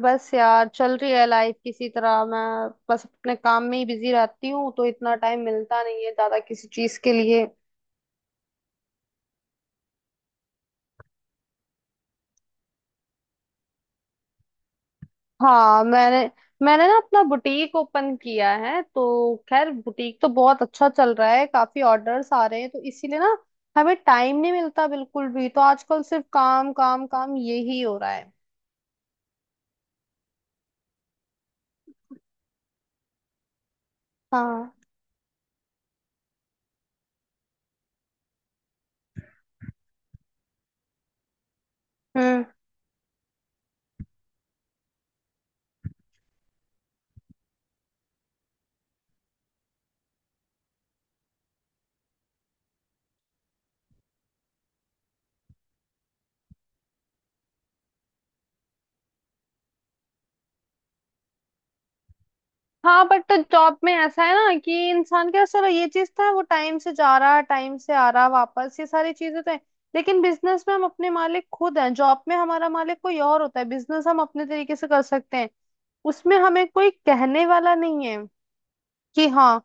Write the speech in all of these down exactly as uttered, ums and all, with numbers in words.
बस यार चल रही है लाइफ किसी तरह। मैं बस अपने काम में ही बिजी रहती हूँ, तो इतना टाइम मिलता नहीं है ज्यादा किसी चीज के लिए। हाँ, मैंने मैंने ना अपना बुटीक ओपन किया है। तो खैर बुटीक तो बहुत अच्छा चल रहा है, काफी ऑर्डर्स आ रहे हैं, तो इसीलिए ना हमें टाइम नहीं मिलता बिल्कुल भी। तो आजकल सिर्फ काम काम काम यही हो रहा है। हाँ। हम्म। हाँ बट तो जॉब में ऐसा है ना कि इंसान के पास चलो ये चीज था, वो टाइम से जा रहा, टाइम से आ रहा वापस, ये सारी चीजें तो है। लेकिन बिजनेस में हम अपने मालिक खुद हैं, जॉब में हमारा मालिक कोई और होता है। बिजनेस हम अपने तरीके से कर सकते हैं, उसमें हमें कोई कहने वाला नहीं है कि हाँ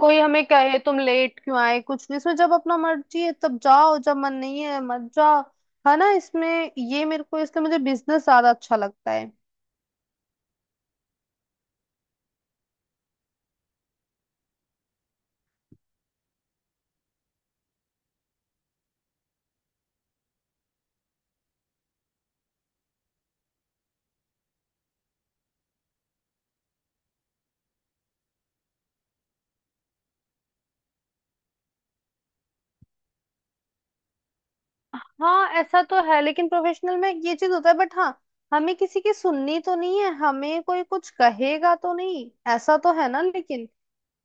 कोई हमें कहे तुम लेट क्यों आए। कुछ नहीं इसमें, जब अपना मर्जी है तब जाओ, जब मन नहीं है मत जाओ। है ना इसमें। ये मेरे को इसलिए, मुझे बिजनेस ज्यादा अच्छा लगता है। हाँ ऐसा तो है, लेकिन प्रोफेशनल में ये चीज होता है बट हाँ, हमें किसी की सुननी तो नहीं है, हमें कोई कुछ कहेगा तो नहीं, ऐसा तो है ना। लेकिन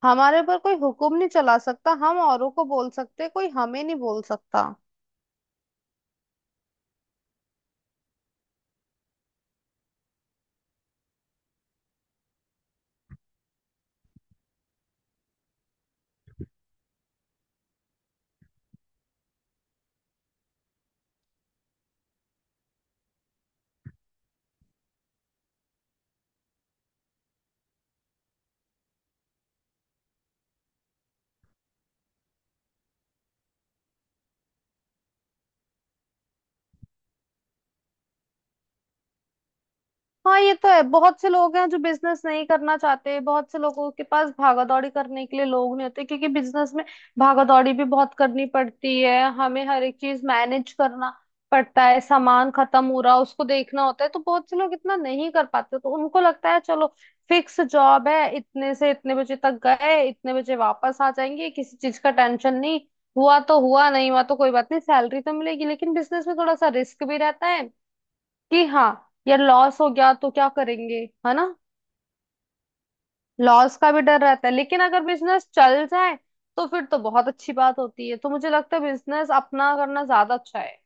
हमारे ऊपर कोई हुक्म नहीं चला सकता, हम औरों को बोल सकते, कोई हमें नहीं बोल सकता। हाँ ये तो है, बहुत से लोग हैं जो बिजनेस नहीं करना चाहते, बहुत से लोगों के पास भागा दौड़ी करने के लिए लोग नहीं होते, क्योंकि बिजनेस में भागा दौड़ी भी बहुत करनी पड़ती है। हमें हर एक चीज मैनेज करना पड़ता है, सामान खत्म हो रहा उसको देखना होता है, तो बहुत से लोग इतना नहीं कर पाते। तो उनको लगता है चलो फिक्स जॉब है, इतने से इतने बजे तक गए, इतने बजे वापस आ जाएंगे, किसी चीज का टेंशन नहीं, हुआ तो हुआ, नहीं हुआ तो कोई बात नहीं, सैलरी तो मिलेगी। लेकिन बिजनेस में थोड़ा सा रिस्क भी रहता है कि हाँ यार लॉस हो गया तो क्या करेंगे, है ना। लॉस का भी डर रहता है, लेकिन अगर बिजनेस चल जाए तो फिर तो बहुत अच्छी बात होती है। तो मुझे लगता है बिजनेस अपना करना ज्यादा अच्छा है।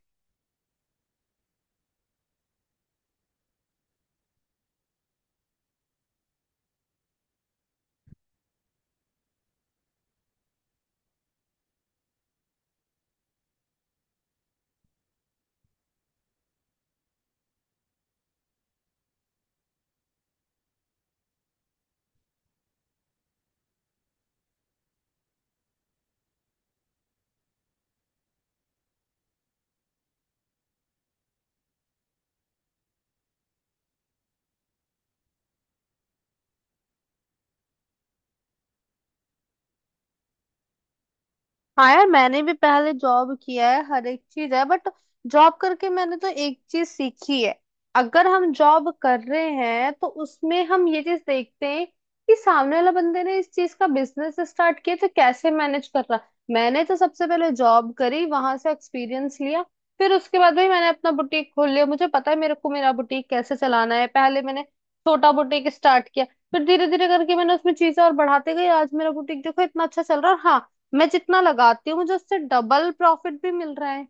हाँ यार, मैंने भी पहले जॉब किया है, हर एक चीज है। बट जॉब करके मैंने तो एक चीज सीखी है, अगर हम जॉब कर रहे हैं तो उसमें हम ये चीज देखते हैं कि सामने वाला बंदे ने इस चीज का बिजनेस स्टार्ट किया तो कैसे मैनेज कर रहा। मैंने तो सबसे पहले जॉब करी, वहां से एक्सपीरियंस लिया, फिर उसके बाद भाई मैंने अपना बुटीक खोल लिया। मुझे पता है मेरे को मेरा बुटीक कैसे चलाना है। पहले मैंने छोटा बुटीक स्टार्ट किया, फिर धीरे धीरे करके मैंने उसमें चीजें और बढ़ाते गई। आज मेरा बुटीक देखो इतना अच्छा चल रहा है। हाँ, मैं जितना लगाती हूँ मुझे उससे डबल प्रॉफिट भी मिल रहा है।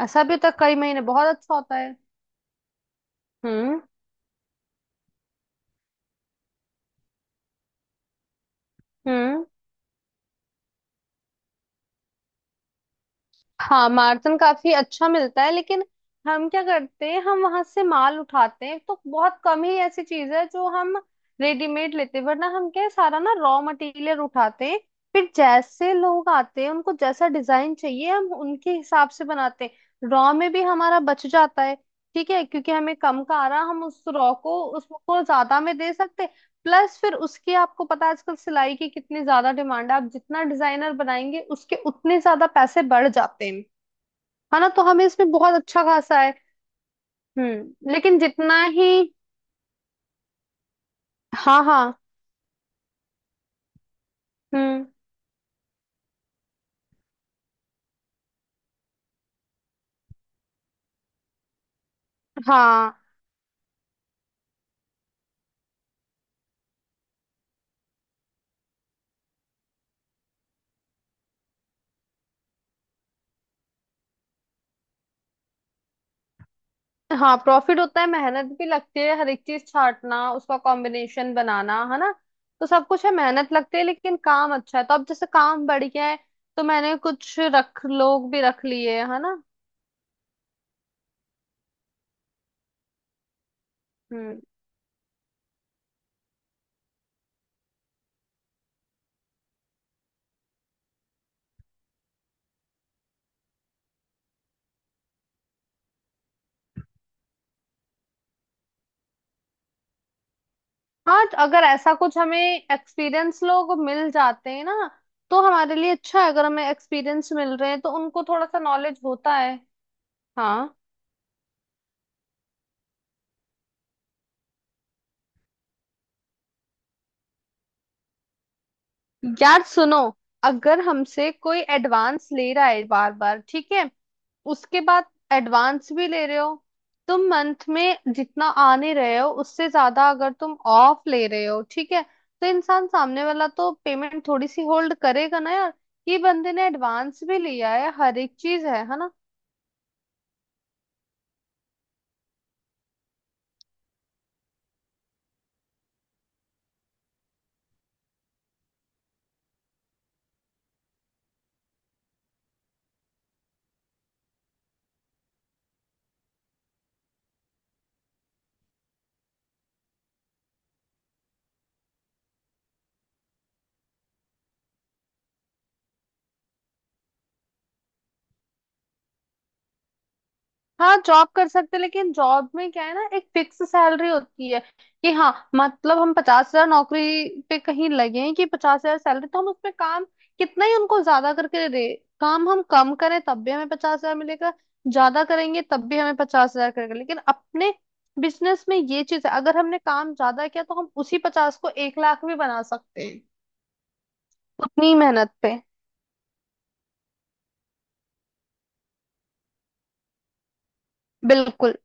ऐसा भी तो कई महीने बहुत अच्छा होता है। हम्म। हम्म। हाँ मार्जिन काफी अच्छा मिलता है, लेकिन हम क्या करते हैं, हम वहां से माल उठाते हैं तो बहुत कम ही ऐसी चीज है जो हम रेडीमेड लेते हैं, वरना हम क्या है, सारा ना रॉ मटेरियल उठाते हैं। फिर जैसे लोग आते हैं, उनको जैसा डिजाइन चाहिए हम उनके हिसाब से बनाते हैं। रॉ में भी हमारा बच जाता है, ठीक है, क्योंकि हमें कम का आ रहा, हम उस रॉ को उसको ज्यादा में दे सकते हैं। प्लस फिर उसके आपको पता है आजकल सिलाई की कितनी ज्यादा डिमांड है। आप जितना डिजाइनर बनाएंगे उसके उतने ज्यादा पैसे बढ़ जाते हैं, है ना। तो हमें इसमें बहुत अच्छा खासा है। हम्म लेकिन जितना ही। हाँ हाँ। हम्म। हाँ हाँ प्रॉफिट होता है, मेहनत भी लगती है, हर एक चीज छांटना, उसका कॉम्बिनेशन बनाना, है ना। तो सब कुछ है, मेहनत लगती है, लेकिन काम अच्छा है। तो अब जैसे काम बढ़ गया है तो मैंने कुछ रख लोग भी रख लिए, है ना। हम्म। हाँ तो अगर ऐसा कुछ हमें एक्सपीरियंस लोग मिल जाते हैं ना, तो हमारे लिए अच्छा है। अगर हमें एक्सपीरियंस मिल रहे हैं तो उनको थोड़ा सा नॉलेज होता है। हाँ यार सुनो, अगर हमसे कोई एडवांस ले रहा है बार बार, ठीक है, उसके बाद एडवांस भी ले रहे हो, तुम मंथ में जितना आने रहे हो उससे ज्यादा अगर तुम ऑफ ले रहे हो, ठीक है, तो इंसान सामने वाला तो पेमेंट थोड़ी सी होल्ड करेगा ना यार। ये बंदे ने एडवांस भी लिया है, हर एक चीज है है ना। हाँ जॉब कर सकते हैं, लेकिन जॉब में क्या है ना, एक फिक्स सैलरी होती है कि हाँ मतलब हम पचास हजार नौकरी पे कहीं लगे हैं कि पचास हजार सैलरी, तो हम उसमें काम कितना ही उनको ज्यादा करके दे, काम हम कम करें तब भी हमें पचास हजार मिलेगा, ज्यादा करेंगे तब भी हमें पचास हजार करेगा। लेकिन अपने बिजनेस में ये चीज है, अगर हमने काम ज्यादा किया तो हम उसी पचास को एक लाख भी बना सकते हैं उतनी मेहनत पे। बिल्कुल।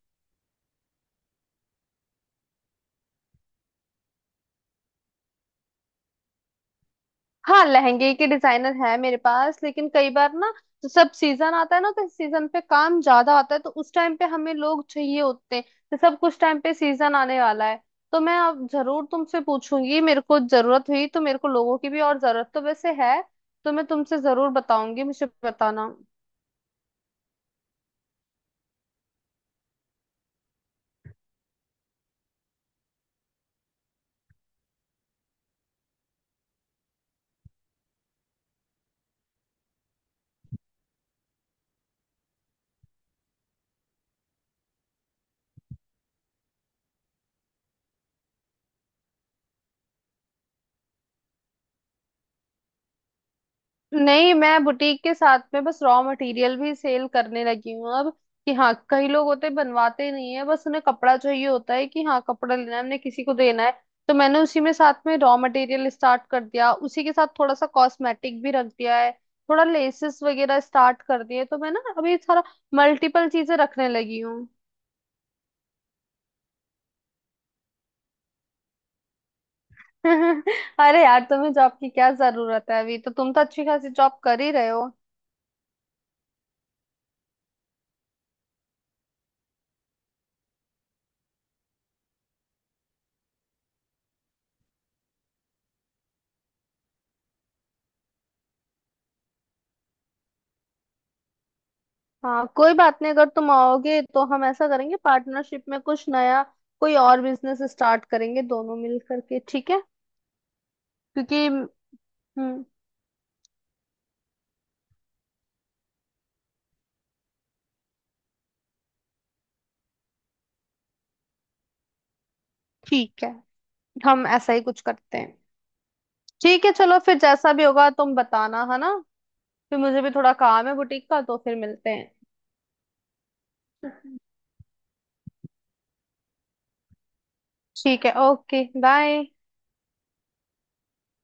हाँ लहंगे के डिजाइनर है मेरे पास, लेकिन कई बार ना, तो सब सीजन आता है ना, तो सीजन पे काम ज्यादा आता है तो उस टाइम पे हमें लोग चाहिए होते हैं। तो सब कुछ टाइम पे सीजन आने वाला है, तो मैं अब जरूर तुमसे पूछूंगी, मेरे को जरूरत हुई तो, मेरे को लोगों की भी और जरूरत तो वैसे है। तो मैं तुमसे जरूर बताऊंगी, मुझे बताना। नहीं, मैं बुटीक के साथ में बस रॉ मटेरियल भी सेल करने लगी हूँ अब। कि हाँ कई लोग होते हैं, बनवाते नहीं है, बस उन्हें कपड़ा चाहिए होता है कि हाँ कपड़ा लेना है हमने किसी को देना है। तो मैंने उसी में साथ में रॉ मटेरियल स्टार्ट कर दिया, उसी के साथ थोड़ा सा कॉस्मेटिक भी रख दिया है, थोड़ा लेसेस वगैरह स्टार्ट कर दिए, तो मैं ना अभी सारा मल्टीपल चीजें रखने लगी हूँ। अरे यार तुम्हें जॉब की क्या जरूरत है, अभी तो तुम तो अच्छी खासी जॉब कर ही रहे हो। हाँ कोई बात नहीं, अगर तुम आओगे तो हम ऐसा करेंगे, पार्टनरशिप में कुछ नया कोई और बिजनेस स्टार्ट करेंगे दोनों मिल करके, ठीक है। क्योंकि। हम्म। ठीक है, हम ऐसा ही कुछ करते हैं। ठीक है चलो फिर, जैसा भी होगा तुम बताना, है ना। फिर मुझे भी थोड़ा काम है बुटीक का, तो फिर मिलते हैं। ठीक है, ओके, बाय।